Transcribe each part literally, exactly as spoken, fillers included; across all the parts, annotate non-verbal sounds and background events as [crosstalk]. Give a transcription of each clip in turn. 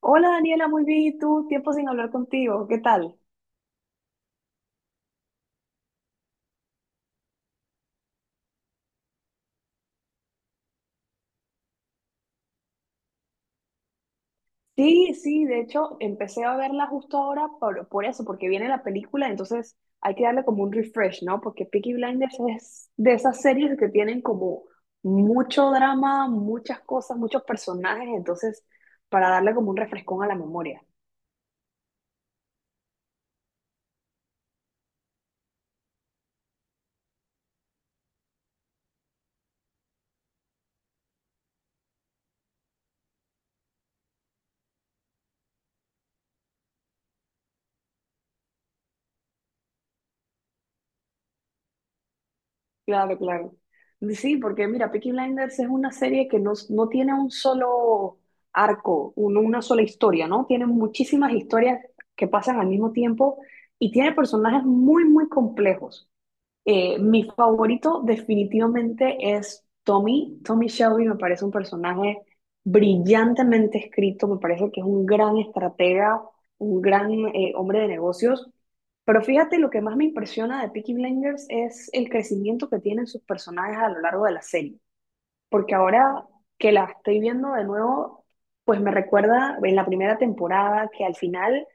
Hola Daniela, muy bien. ¿Y tú? Tiempo sin hablar contigo. ¿Qué tal? Sí, sí, de hecho empecé a verla justo ahora por, por eso, porque viene la película, entonces hay que darle como un refresh, ¿no? Porque Peaky Blinders es de esas series que tienen como mucho drama, muchas cosas, muchos personajes, entonces para darle como un refrescón a la memoria. Claro, claro. Sí, porque mira, Peaky Blinders es una serie que no, no tiene un solo arco, un- una sola historia, ¿no? Tiene muchísimas historias que pasan al mismo tiempo y tiene personajes muy, muy complejos. Eh, mi favorito definitivamente es Tommy. Tommy Shelby me parece un personaje brillantemente escrito, me parece que es un gran estratega, un gran eh, hombre de negocios. Pero fíjate, lo que más me impresiona de Peaky Blinders es el crecimiento que tienen sus personajes a lo largo de la serie. Porque ahora que la estoy viendo de nuevo, pues me recuerda en la primera temporada que al final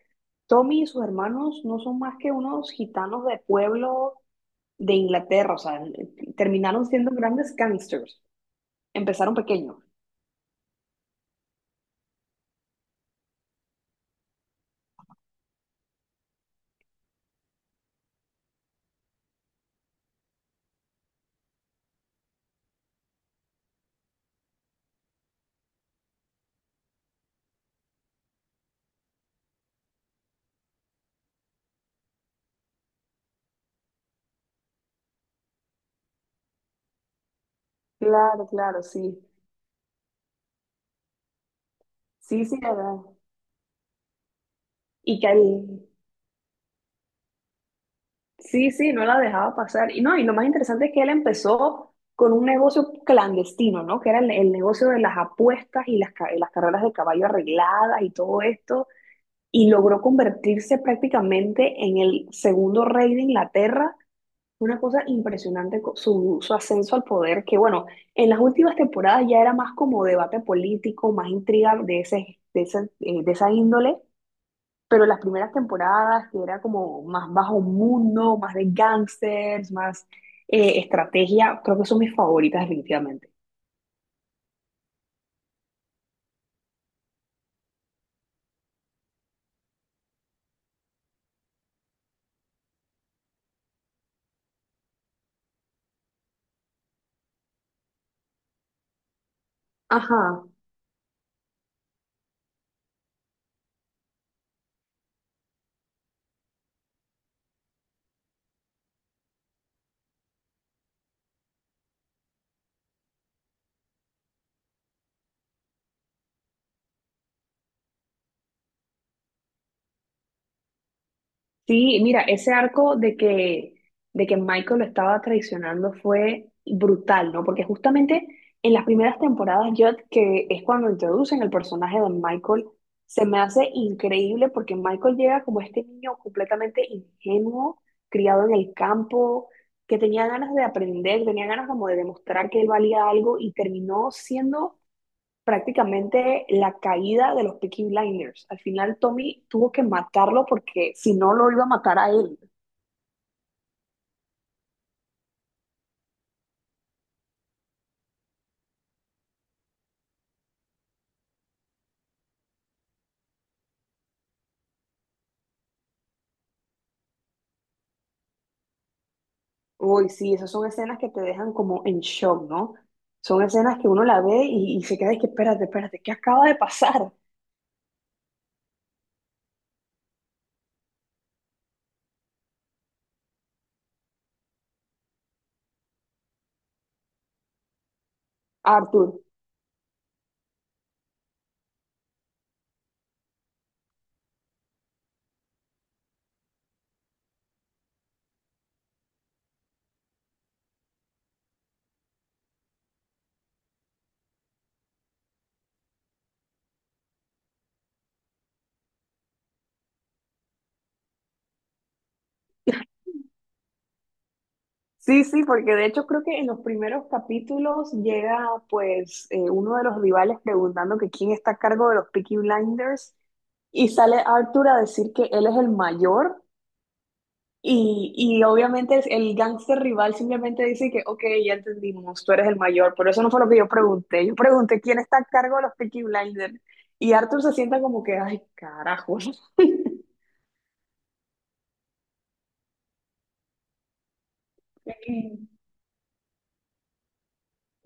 Tommy y sus hermanos no son más que unos gitanos de pueblo de Inglaterra, o sea, terminaron siendo grandes gangsters, empezaron pequeños. Claro, claro, sí. Sí, sí, la verdad. Y que él, sí, sí, no la dejaba pasar. Y no, y lo más interesante es que él empezó con un negocio clandestino, ¿no? Que era el, el negocio de las apuestas y las, ca- las carreras de caballo arregladas y todo esto. Y logró convertirse prácticamente en el segundo rey de Inglaterra. Una cosa impresionante co- su, su ascenso al poder, que bueno, en las últimas temporadas ya era más como debate político, más intriga de ese, de ese, eh, de esa índole, pero las primeras temporadas que era como más bajo mundo, más de gángsters, más eh, estrategia, creo que son mis favoritas definitivamente. Ajá. Sí, mira, ese arco de que, de que Michael lo estaba traicionando fue brutal, ¿no? Porque justamente en las primeras temporadas, yo que es cuando introducen el personaje de Michael, se me hace increíble porque Michael llega como este niño completamente ingenuo, criado en el campo, que tenía ganas de aprender, tenía ganas como de demostrar que él valía algo y terminó siendo prácticamente la caída de los Peaky Blinders. Al final Tommy tuvo que matarlo porque si no lo iba a matar a él. Uy, sí, esas son escenas que te dejan como en shock, ¿no? Son escenas que uno la ve y, y se queda de que espérate, espérate, ¿qué acaba de pasar? [laughs] ¿Arthur? Sí, sí, porque de hecho creo que en los primeros capítulos llega pues eh, uno de los rivales preguntando que quién está a cargo de los Peaky Blinders y sale Arthur a decir que él es el mayor. Y, y obviamente el gángster rival simplemente dice que ok, ya entendimos, tú eres el mayor, pero eso no fue lo que yo pregunté. Yo pregunté quién está a cargo de los Peaky Blinders. Y Arthur se sienta como que, ay, carajo. [laughs]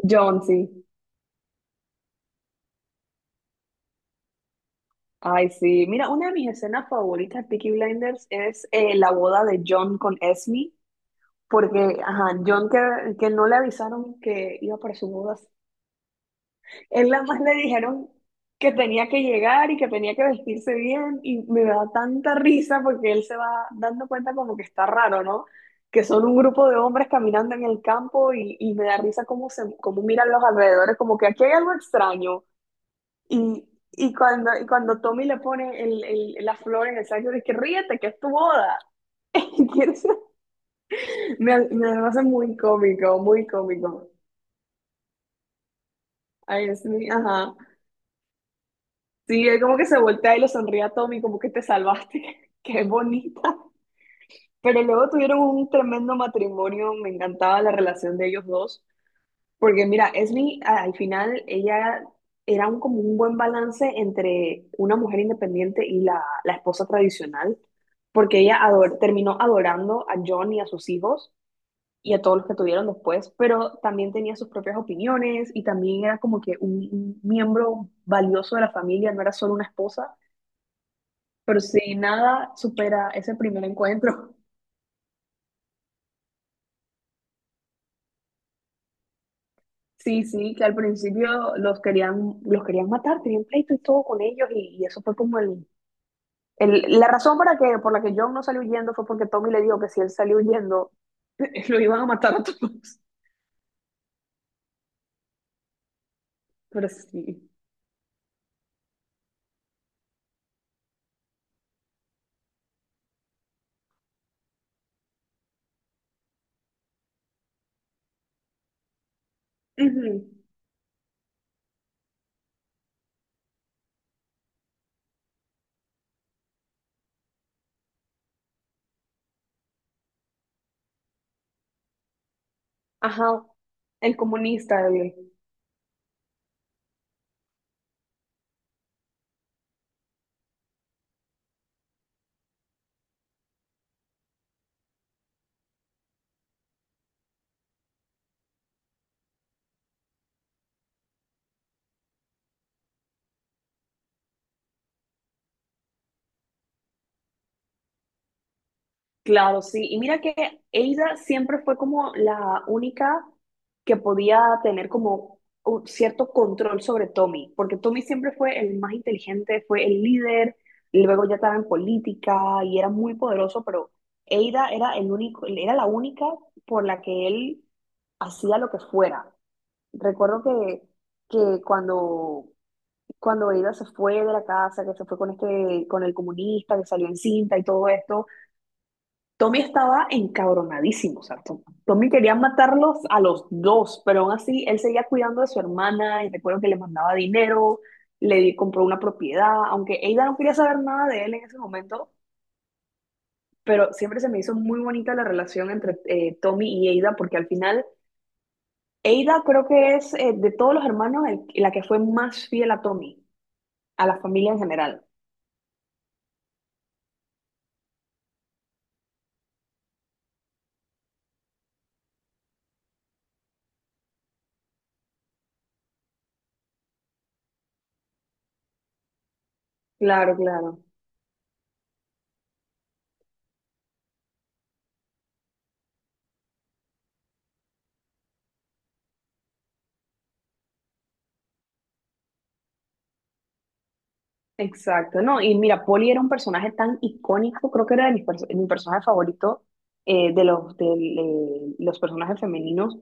John, sí. Ay, sí. Mira, una de mis escenas favoritas de Peaky Blinders es eh, la boda de John con Esme, porque, ajá, John que, que no le avisaron que iba para su boda. Él nada más le dijeron que tenía que llegar y que tenía que vestirse bien y me da tanta risa porque él se va dando cuenta como que está raro, ¿no? Que son un grupo de hombres caminando en el campo y, y me da risa cómo se, cómo miran los alrededores, como que aquí hay algo extraño. Y, y cuando, y cuando Tommy le pone el, el- la flor en el saco, dice que ríete, que es tu boda. [laughs] Y eso Me, me hace muy cómico, muy cómico. Ay, es mi- ajá. Sí, él como que se voltea y le sonríe a Tommy, como que te salvaste. [laughs] Qué bonita. Pero luego tuvieron un tremendo matrimonio, me encantaba la relación de ellos dos, porque mira, Esme a- al final ella era un, como un buen balance entre una mujer independiente y la, la esposa tradicional, porque ella ador- terminó adorando a John y a sus hijos y a todos los que tuvieron después, pero también tenía sus propias opiniones y también era como que un un miembro valioso de la familia, no era solo una esposa. Pero si nada supera ese primer encuentro. [laughs] Sí, sí, que al principio los querían, los querían matar, tenían pleito y todo con ellos, y, y eso fue como el, el- la razón para que, por la que John no salió huyendo fue porque Tommy le dijo que si él salió huyendo, [laughs] lo iban a matar a todos. [laughs] Pero sí. Ujú. Ajá. El comunista, el, Claro, sí. Y mira que Ada siempre fue como la única que podía tener como un cierto control sobre Tommy, porque Tommy siempre fue el más inteligente, fue el líder, y luego ya estaba en política y era muy poderoso, pero Ada era el único, era la única por la que él hacía lo que fuera. Recuerdo que, que cuando, cuando Ada se fue de la casa, que se fue con este, con el comunista, que salió en cinta y todo esto. Tommy estaba encabronadísimo, o sea, Tom- Tommy quería matarlos a los dos, pero aún así él seguía cuidando de su hermana y recuerdo que le mandaba dinero, le di- compró una propiedad, aunque Ada no quería saber nada de él en ese momento, pero siempre se me hizo muy bonita la relación entre eh, Tommy y Ada porque al final Ada creo que es eh, de todos los hermanos el- la que fue más fiel a Tommy, a la familia en general. Claro, claro. Exacto, no, y mira, Polly era un personaje tan icónico, creo que era de mis perso- mi personaje favorito eh, de los, de los personajes femeninos,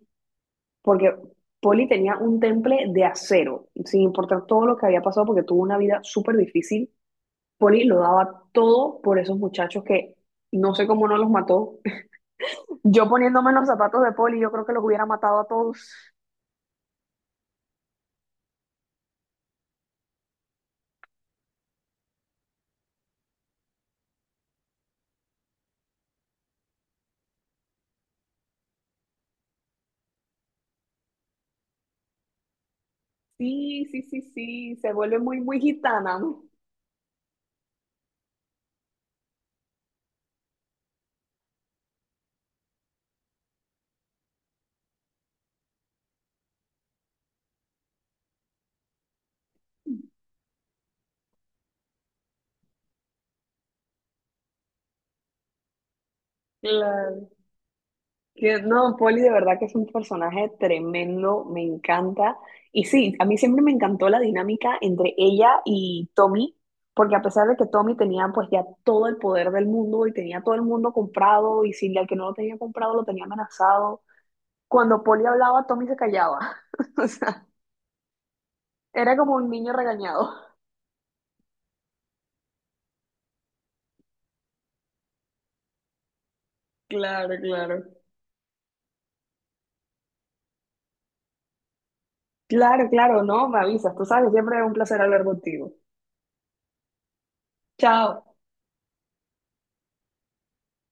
porque Polly tenía un temple de acero, sin importar todo lo que había pasado, porque tuvo una vida súper difícil. Polly lo daba todo por esos muchachos que no sé cómo no los mató. [laughs] Yo poniéndome en los zapatos de Polly, yo creo que los hubiera matado a todos. Sí, sí, sí, sí, se vuelve muy, muy gitana, ¿no? Claro. Que no, Poli de verdad que es un personaje tremendo, me encanta. Y sí, a mí siempre me encantó la dinámica entre ella y Tommy, porque a pesar de que Tommy tenía pues ya todo el poder del mundo y tenía todo el mundo comprado, y si al que no lo tenía comprado lo tenía amenazado, cuando Poli hablaba, Tommy se callaba. [laughs] O sea, era como un niño regañado. Claro, claro. Claro, claro, no, me avisas, tú sabes, siempre es un placer hablar contigo. Chao.